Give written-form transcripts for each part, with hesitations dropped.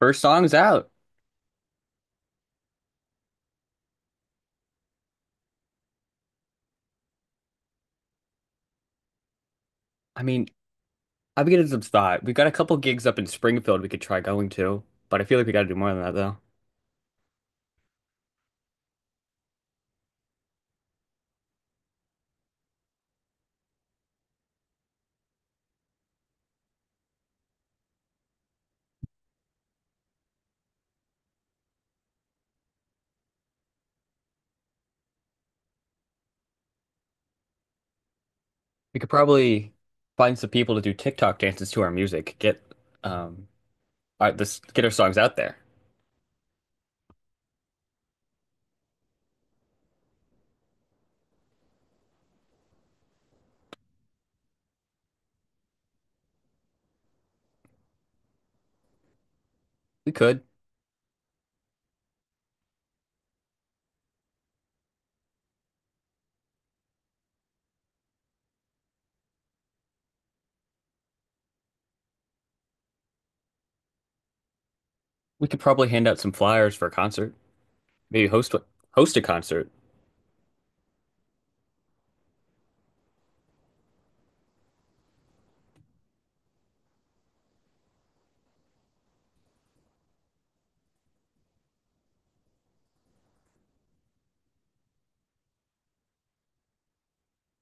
First song's out. I mean, I've been getting some thought. We've got a couple gigs up in Springfield we could try going to, but I feel like we gotta do more than that though. We could probably find some people to do TikTok dances to our music. Get um our, this get our songs out there. We could. We could probably hand out some flyers for a concert. Maybe host a concert.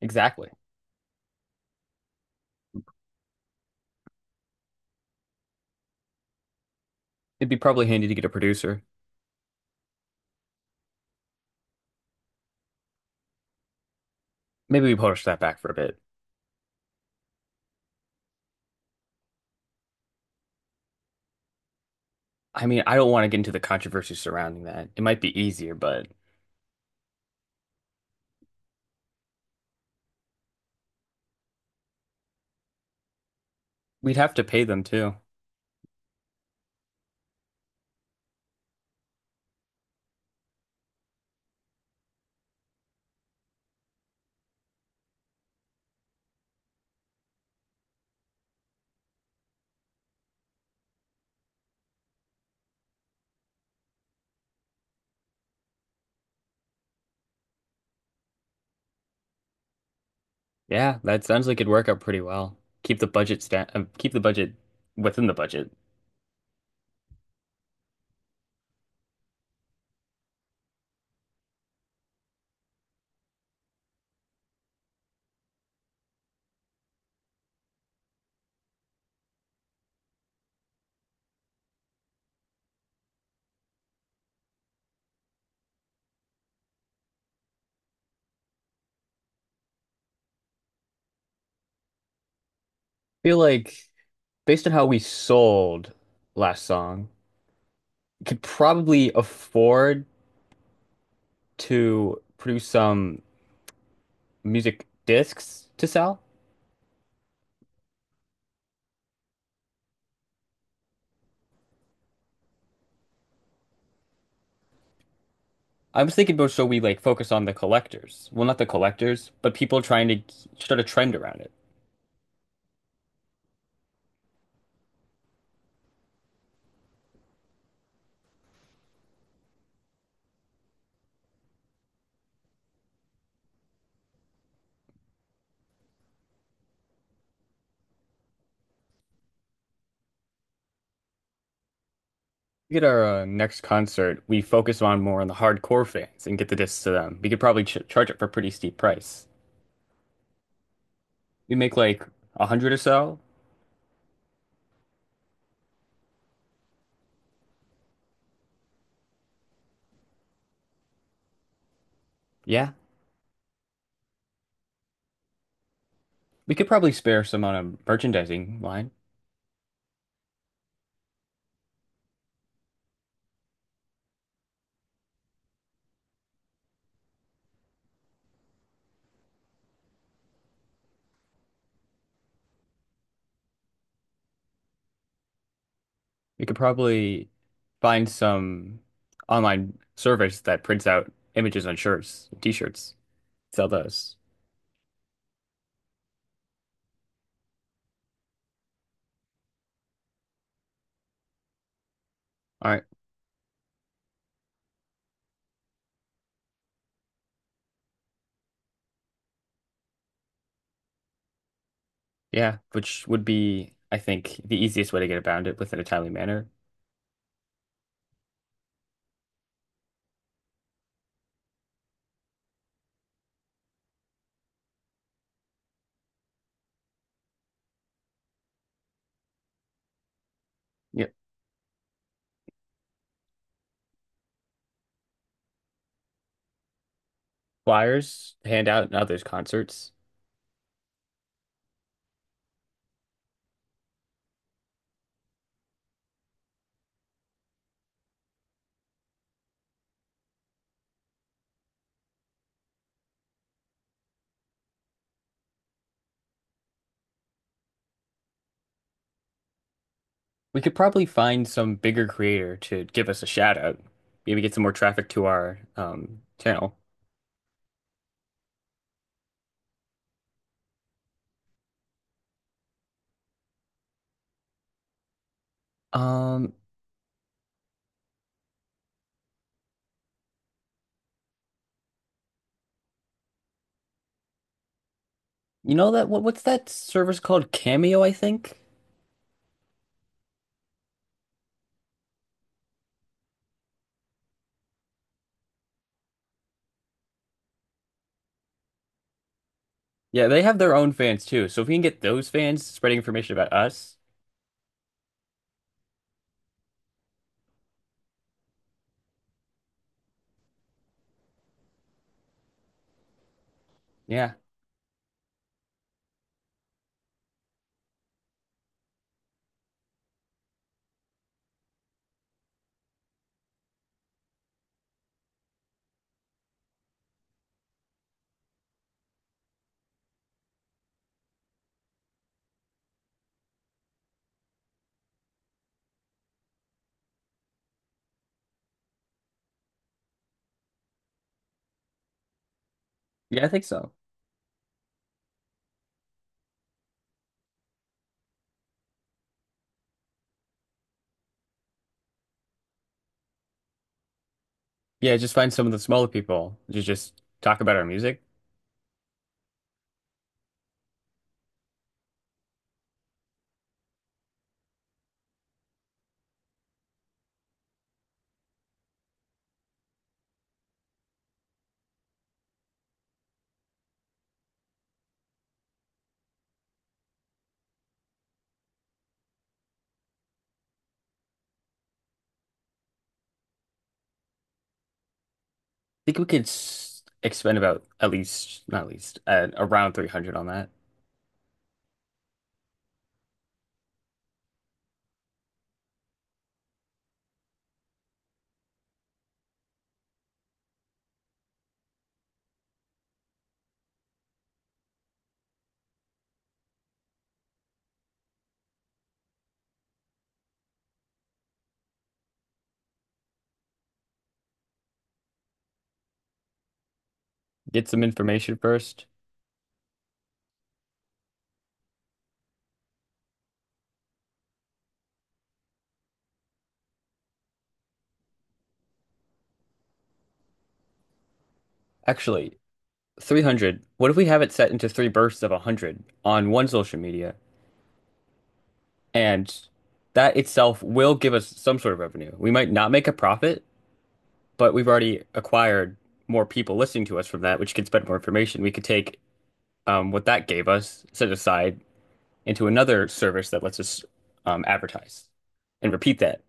Exactly. It'd be probably handy to get a producer. Maybe we push that back for a bit. I mean, I don't want to get into the controversy surrounding that. It might be easier, but we'd have to pay them too. Yeah, that sounds like it'd work out pretty well. Keep the budget sta keep the budget within the budget. Feel like based on how we sold last song, you could probably afford to produce some music discs to sell. I was thinking about so we like focus on the collectors. Well, not the collectors, but people trying to start a trend around it. Get our next concert, we focus on more on the hardcore fans and get the discs to them. We could probably ch charge it for a pretty steep price. We make like a hundred or so. Yeah, we could probably spare some on a merchandising line. We could probably find some online service that prints out images on shirts, t-shirts, sell those. All right. Yeah, which would be, I think, the easiest way to get around it within a timely manner. Yep. Flyers, hand out in others' concerts. We could probably find some bigger creator to give us a shout out. Maybe get some more traffic to our channel. Um, you know what's that service called? Cameo, I think. Yeah, they have their own fans too. So if we can get those fans spreading information about us, yeah. Yeah, I think so. Yeah, just find some of the smaller people to just talk about our music. I think we could s expend about at least, not least, around 300 on that. Get some information first. Actually, 300, what if we have it set into three bursts of 100 on one social media? And that itself will give us some sort of revenue. We might not make a profit, but we've already acquired more people listening to us from that, which can spread more information. We could take what that gave us, set aside, into another service that lets us advertise and repeat that.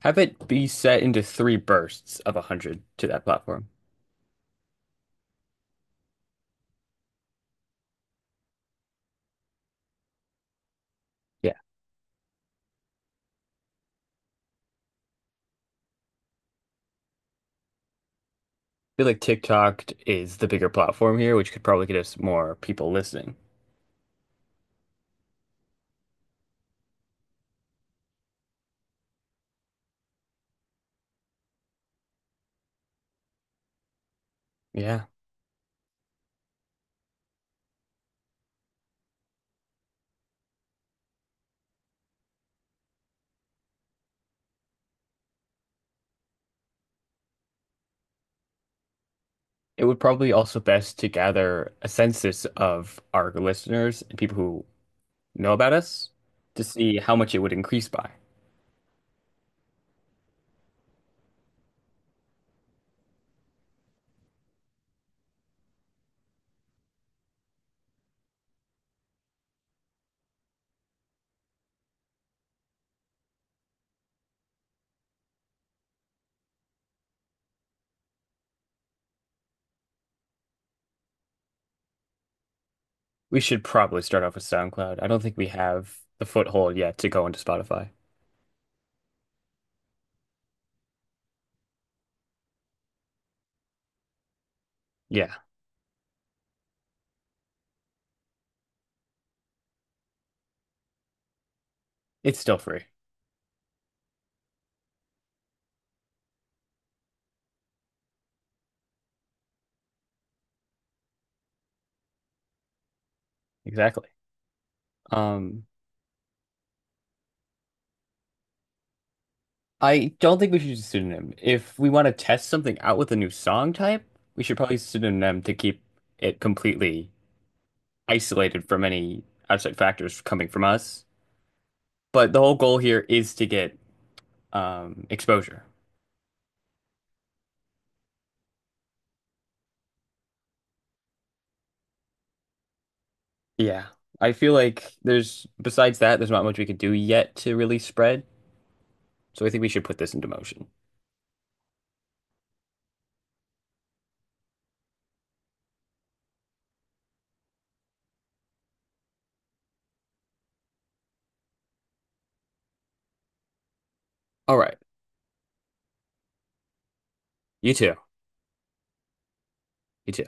Have it be set into three bursts of 100 to that platform. Yeah. I feel like TikTok is the bigger platform here, which could probably get us more people listening. Yeah. It would probably also best to gather a census of our listeners and people who know about us to see how much it would increase by. We should probably start off with SoundCloud. I don't think we have the foothold yet to go into Spotify. Yeah, it's still free. Exactly. Um, I don't think we should use a pseudonym. If we want to test something out with a new song type, we should probably use a pseudonym to keep it completely isolated from any outside factors coming from us. But the whole goal here is to get exposure. Yeah. I feel like besides that, there's not much we can do yet to really spread. So I think we should put this into motion. All right. You too. You too.